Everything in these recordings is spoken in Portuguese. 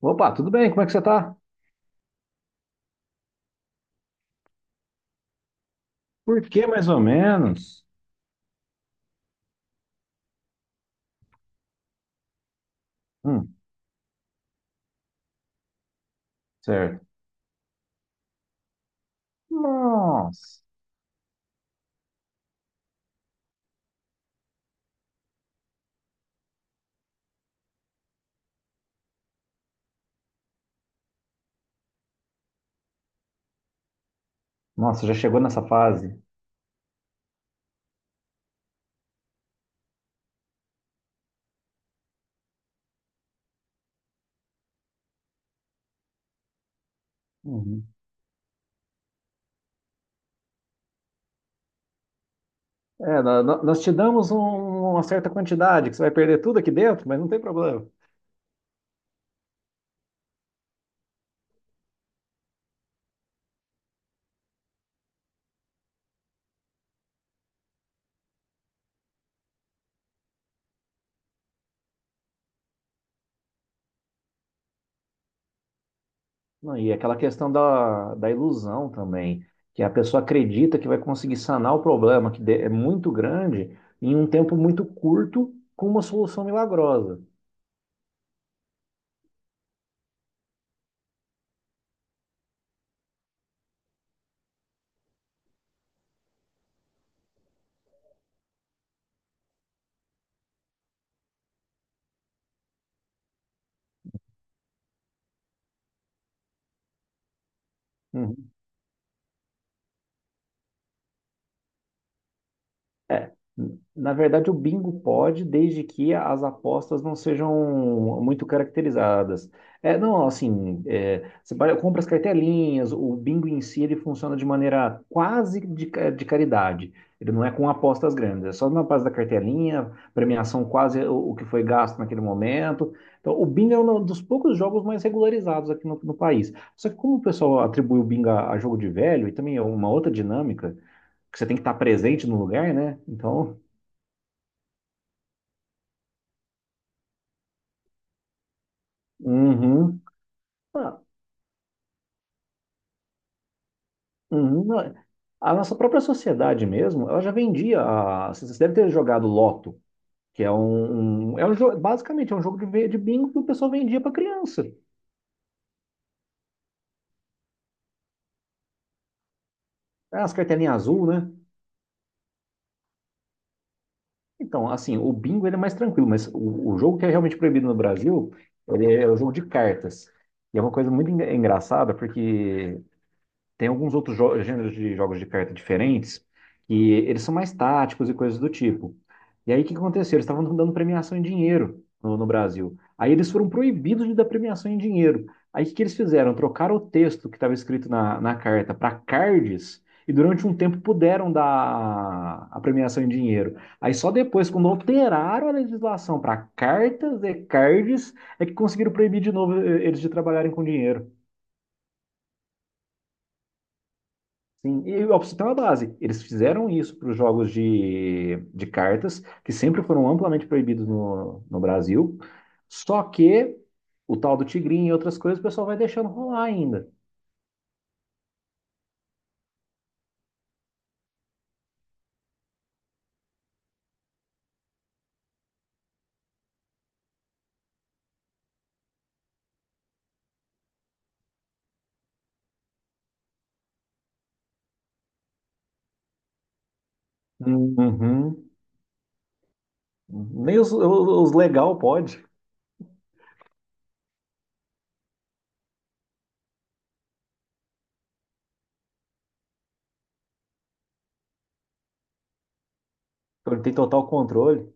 Opa, tudo bem? Como é que você tá? Por que mais ou menos? Hum, certo. Nossa, nossa, já chegou nessa fase. Uhum. É, nós te damos uma certa quantidade, que você vai perder tudo aqui dentro, mas não tem problema. Não, e aquela questão da ilusão também, que a pessoa acredita que vai conseguir sanar o problema, é muito grande, em um tempo muito curto, com uma solução milagrosa. Uhum. É, na verdade, o bingo pode, desde que as apostas não sejam muito caracterizadas. É, não, assim, compra as cartelinhas, o bingo em si ele funciona de maneira quase de caridade. Ele não é com apostas grandes, é só na base da cartelinha, premiação quase o que foi gasto naquele momento. Então, o bingo é um dos poucos jogos mais regularizados aqui no país. Só que como o pessoal atribui o bingo a jogo de velho, e também é uma outra dinâmica, que você tem que estar presente no lugar, né? Então, uhum, ah, uhum. A nossa própria sociedade mesmo, ela já vendia. Você deve ter jogado Loto, que é é um jogo, basicamente é um jogo de bingo que o pessoal vendia para criança. É as cartelinhas azul, né? Então, assim, o bingo ele é mais tranquilo, mas o jogo que é realmente proibido no Brasil, ele é o jogo de cartas. E é uma coisa muito engraçada, porque tem alguns outros gêneros de jogos de carta diferentes e eles são mais táticos e coisas do tipo. E aí o que que aconteceu? Eles estavam dando premiação em dinheiro no Brasil. Aí eles foram proibidos de dar premiação em dinheiro. Aí o que que eles fizeram? Trocaram o texto que estava escrito na carta para cards e durante um tempo puderam dar a premiação em dinheiro. Aí só depois, quando alteraram a legislação para cartas e cards, é que conseguiram proibir de novo eles de trabalharem com dinheiro. Sim, e o Opsitão é a base. Eles fizeram isso para os jogos de cartas, que sempre foram amplamente proibidos no Brasil. Só que o tal do tigrinho e outras coisas, o pessoal vai deixando rolar ainda. Uhum. Nem os legal pode, porque tem total controle.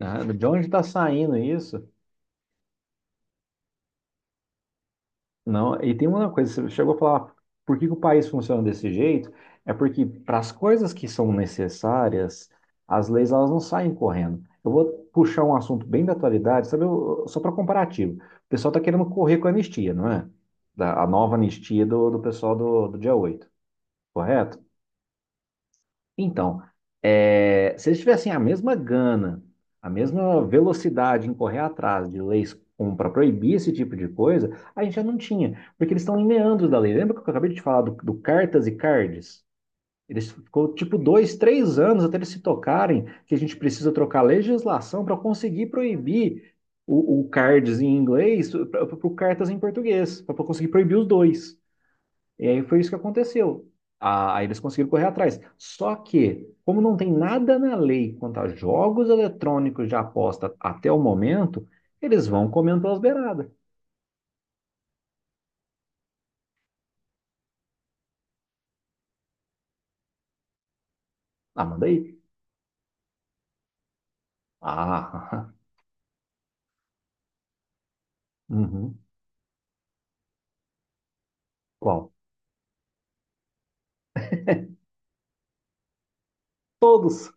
Ah, de onde está saindo isso? Não, e tem uma coisa, você chegou a falar, por que que o país funciona desse jeito? É porque para as coisas que são necessárias, as leis elas não saem correndo. Eu vou puxar um assunto bem da atualidade, sabe, só para comparativo. O pessoal está querendo correr com a anistia, não é? A nova anistia do pessoal do dia 8, correto? Então, se eles tivessem a mesma gana, a mesma velocidade em correr atrás de leis para proibir esse tipo de coisa, a gente já não tinha, porque eles estão em meandros da lei. Lembra que eu acabei de te falar do cartas e cards? Eles ficou tipo dois, três anos até eles se tocarem que a gente precisa trocar a legislação para conseguir proibir o cards em inglês para o cartas em português, para conseguir proibir os dois. E aí foi isso que aconteceu. Ah, aí eles conseguiram correr atrás. Só que, como não tem nada na lei quanto a jogos eletrônicos de aposta até o momento, eles vão comendo pelas beiradas. Ah, manda aí. Ah, uhum. Qual? Todos.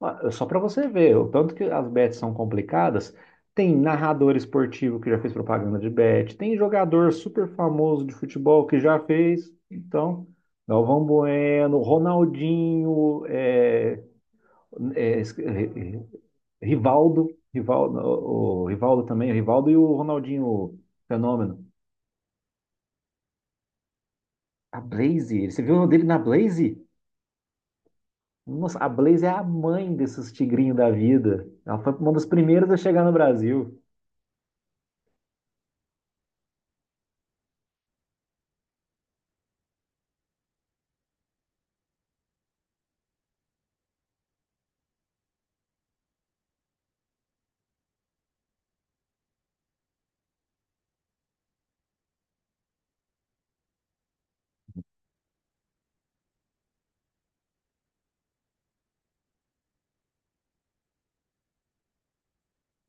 Ah, só para você ver, o tanto que as bets são complicadas. Tem narrador esportivo que já fez propaganda de bet, tem jogador super famoso de futebol que já fez. Então, Galvão Bueno, Ronaldinho, é, eh, eh, Rivaldo, o Rivaldo também, o Rivaldo e o Ronaldinho Fenômeno. A Blaze, você viu o nome dele na Blaze? Nossa, a Blaze é a mãe desses tigrinhos da vida. Ela foi uma das primeiras a chegar no Brasil.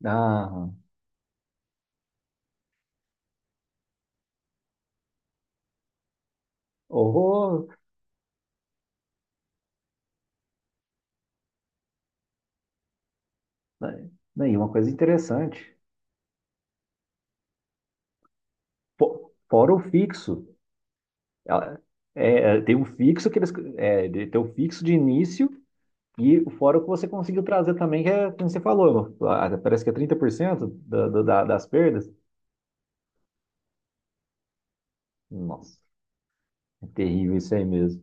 Ah, horror! Né, né, e uma coisa interessante, fora o fixo. Ela- Tem um fixo que eles, tem o fixo de início. E fora o que você conseguiu trazer também, que é, como você falou, parece que é 30% das perdas. Nossa, é terrível isso aí mesmo.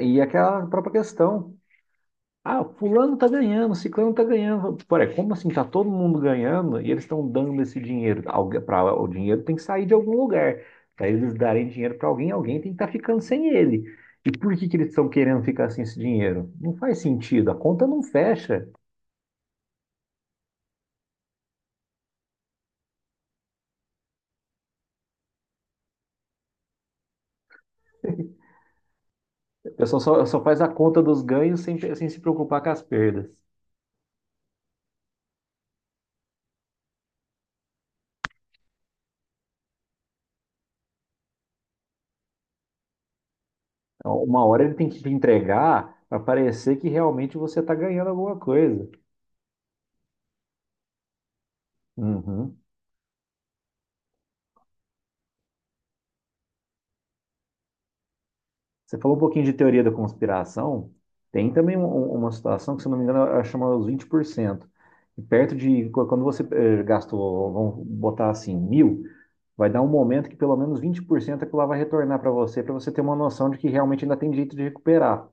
E aquela própria questão. Ah, fulano tá ganhando, ciclano tá ganhando. Porra, como assim? Tá todo mundo ganhando e eles estão dando esse dinheiro. O dinheiro tem que sair de algum lugar. Para eles darem dinheiro para alguém, alguém tem que estar ficando sem ele. E por que que eles estão querendo ficar sem esse dinheiro? Não faz sentido, a conta não fecha. O pessoal só faz a conta dos ganhos sem se preocupar com as perdas. Então, uma hora ele tem que te entregar para parecer que realmente você está ganhando alguma coisa. Uhum. Você falou um pouquinho de teoria da conspiração. Tem também uma situação que, se eu não me engano, ela chama os 20%. E perto de quando você gastou, vamos botar assim, mil, vai dar um momento que pelo menos 20% aquilo lá vai retornar para você ter uma noção de que realmente ainda tem jeito de recuperar.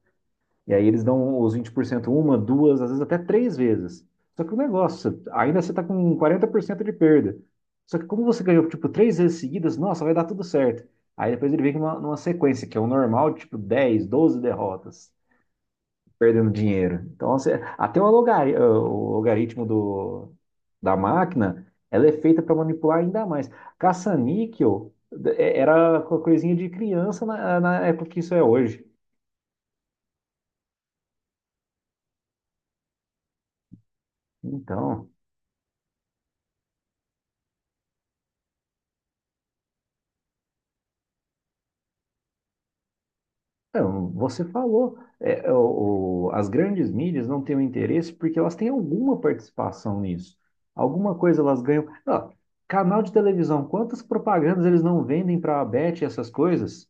E aí eles dão os 20% uma, duas, às vezes até três vezes. Só que o negócio, ainda você está com 40% de perda. Só que como você ganhou, tipo, três vezes seguidas, nossa, vai dar tudo certo. Aí depois ele vem numa, numa sequência, que é o normal, tipo, 10, 12 derrotas, perdendo dinheiro. Então, você, até o logaritmo do, da máquina, ela é feita para manipular ainda mais. Caça-níquel era coisinha de criança na época que isso é hoje. Então, não, você falou, as grandes mídias não têm o interesse porque elas têm alguma participação nisso. Alguma coisa elas ganham. Ó, canal de televisão, quantas propagandas eles não vendem para a Bet e essas coisas?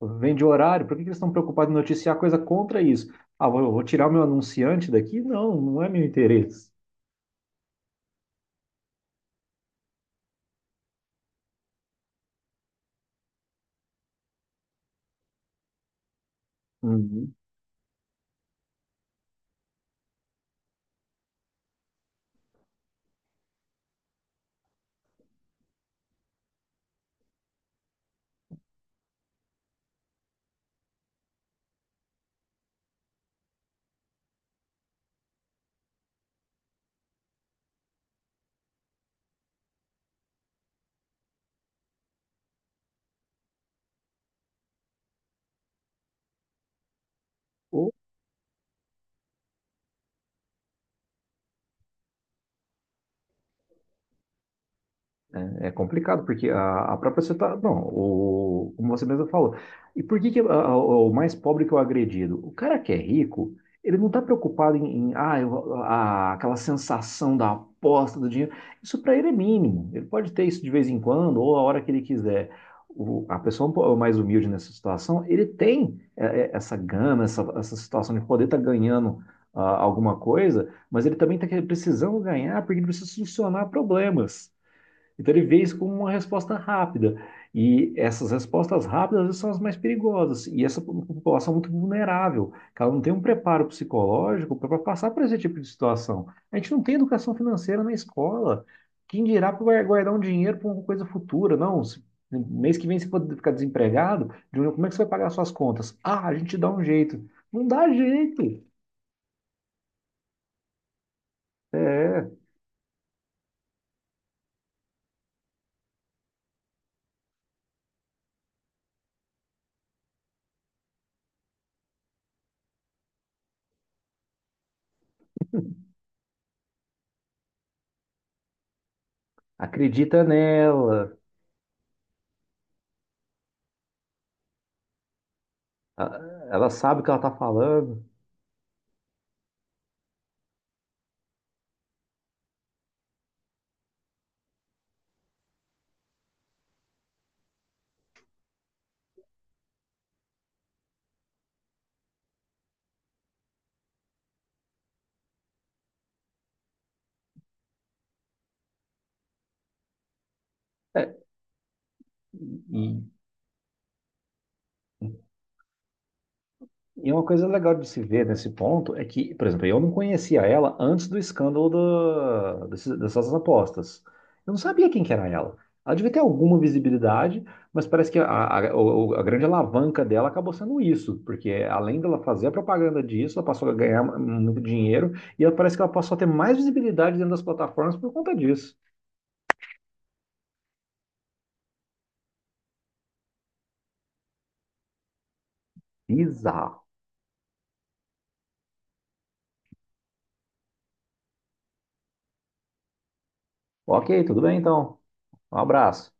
Vende horário, por que que eles estão preocupados em noticiar coisa contra isso? Ah, vou tirar o meu anunciante daqui? Não, não é meu interesse. Uhum. É complicado, porque a própria sociedade. Não, como você mesmo falou. E por que, que o mais pobre que é o agredido? O cara que é rico, ele não está preocupado em aquela sensação da aposta do dinheiro. Isso para ele é mínimo. Ele pode ter isso de vez em quando, ou a hora que ele quiser. A pessoa um mais humilde nessa situação, ele tem essa gana, essa situação de poder estar ganhando alguma coisa, mas ele também está precisando ganhar porque ele precisa solucionar problemas. Então ele vê isso como uma resposta rápida. E essas respostas rápidas às vezes, são as mais perigosas. E essa população é muito vulnerável, que ela não tem um preparo psicológico para passar por esse tipo de situação. A gente não tem educação financeira na escola. Quem dirá para guardar um dinheiro para uma coisa futura? Não, mês que vem você pode ficar desempregado, Júnior, como é que você vai pagar suas contas? Ah, a gente dá um jeito. Não dá jeito. É, acredita nela. Ela sabe o que ela está falando. É, e E uma coisa legal de se ver nesse ponto é que, por exemplo, eu não conhecia ela antes do escândalo dessas apostas. Eu não sabia quem que era ela. Ela devia ter alguma visibilidade, mas parece que a grande alavanca dela acabou sendo isso, porque além dela fazer a propaganda disso, ela passou a ganhar muito dinheiro e ela parece que ela passou a ter mais visibilidade dentro das plataformas por conta disso. Bizarro. Ok, tudo bem então. Um abraço.